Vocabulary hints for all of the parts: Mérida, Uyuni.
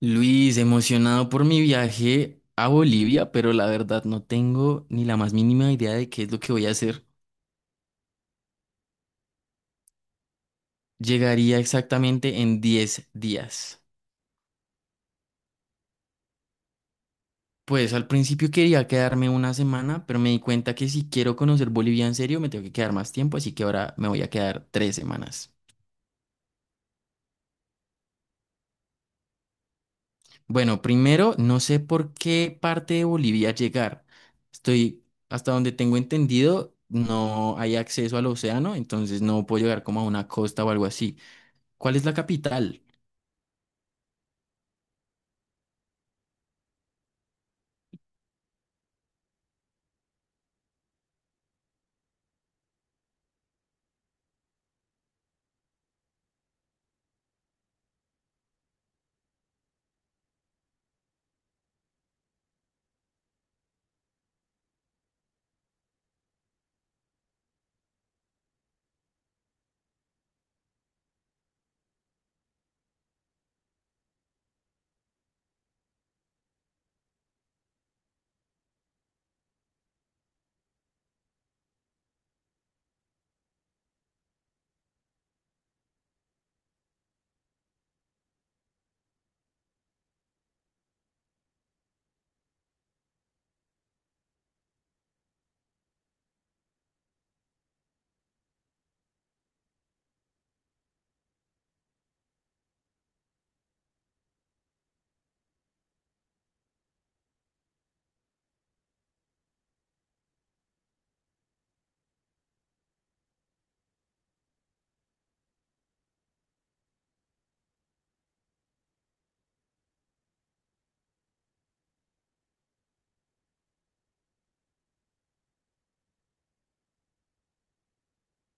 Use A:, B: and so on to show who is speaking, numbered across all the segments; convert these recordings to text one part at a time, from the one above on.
A: Luis, emocionado por mi viaje a Bolivia, pero la verdad no tengo ni la más mínima idea de qué es lo que voy a hacer. Llegaría exactamente en 10 días. Pues al principio quería quedarme una semana, pero me di cuenta que si quiero conocer Bolivia en serio me tengo que quedar más tiempo, así que ahora me voy a quedar 3 semanas. Bueno, primero no sé por qué parte de Bolivia llegar. Estoy, hasta donde tengo entendido, no hay acceso al océano, entonces no puedo llegar como a una costa o algo así. ¿Cuál es la capital?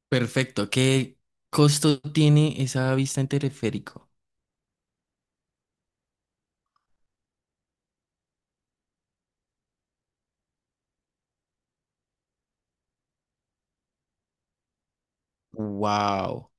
A: Perfecto. ¿Qué costo tiene esa vista en teleférico? Wow,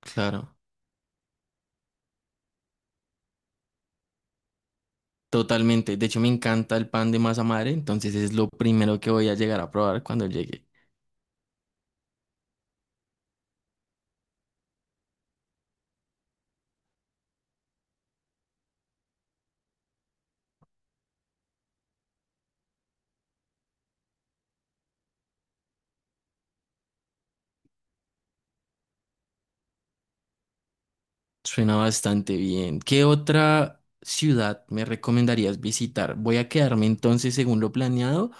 A: claro, totalmente. De hecho, me encanta el pan de masa madre, entonces es lo primero que voy a llegar a probar cuando llegue. Suena bastante bien. ¿Qué otra ciudad me recomendarías visitar? Voy a quedarme entonces, según lo planeado,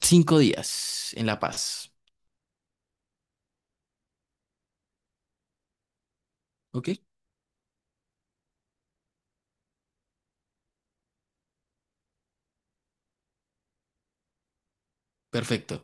A: 5 días en La Paz. ¿Ok? Perfecto.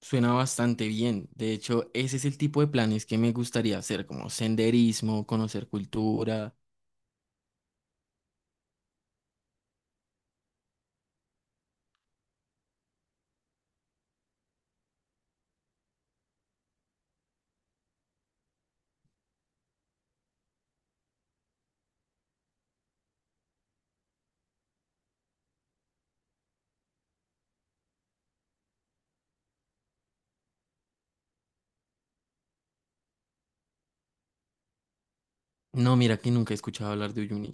A: Suena bastante bien. De hecho, ese es el tipo de planes que me gustaría hacer, como senderismo, conocer cultura. No, mira que nunca he escuchado hablar de Uyuni.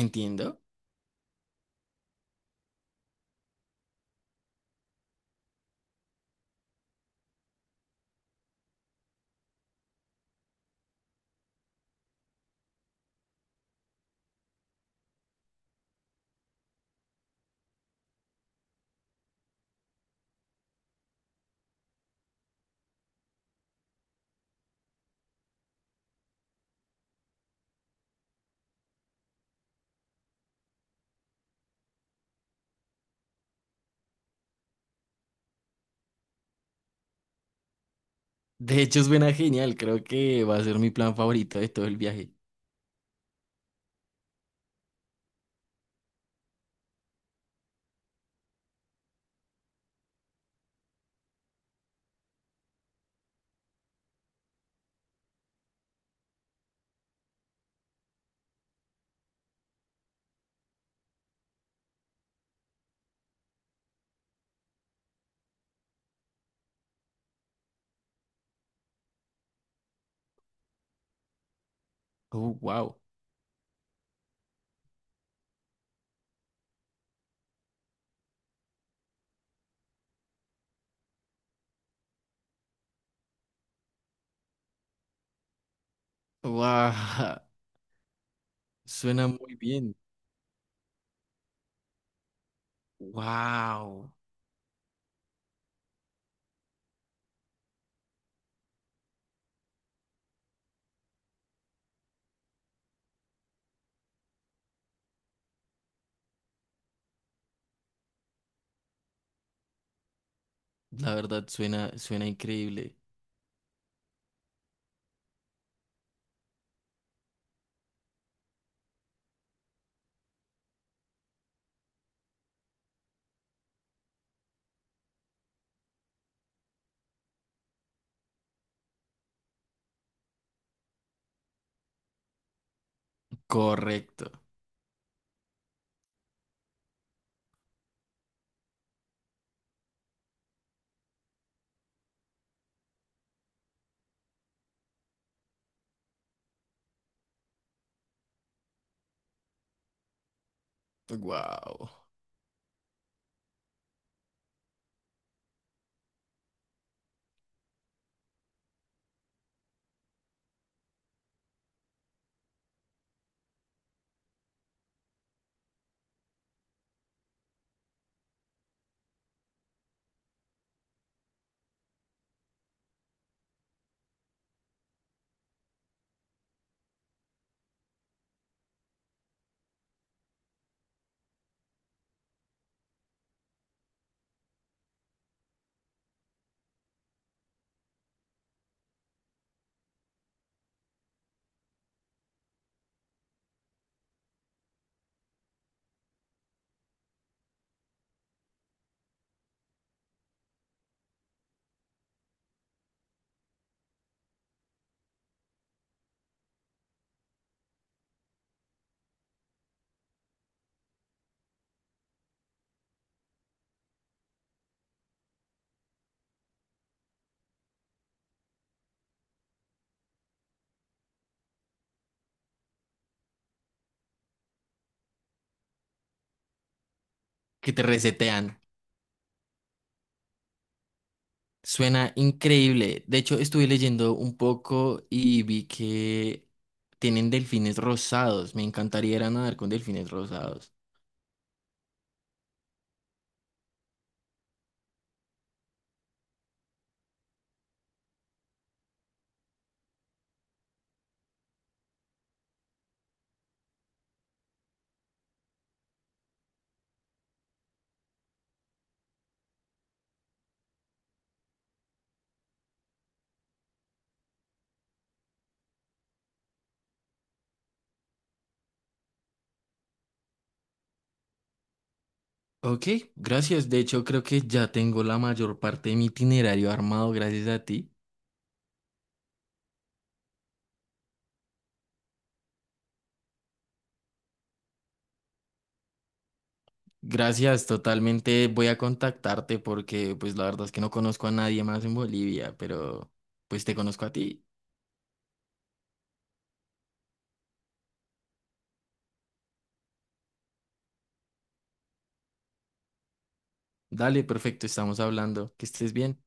A: Entiendo. De hecho, suena genial. Creo que va a ser mi plan favorito de todo el viaje. Oh, wow. Wow. Suena muy bien. Wow. La verdad, suena, suena increíble. Correcto. Wow. Que te resetean. Suena increíble. De hecho, estuve leyendo un poco y vi que tienen delfines rosados. Me encantaría ir a nadar con delfines rosados. Ok, gracias. De hecho, creo que ya tengo la mayor parte de mi itinerario armado gracias a ti. Gracias, totalmente voy a contactarte porque pues la verdad es que no conozco a nadie más en Bolivia, pero pues te conozco a ti. Dale, perfecto, estamos hablando. Que estés bien.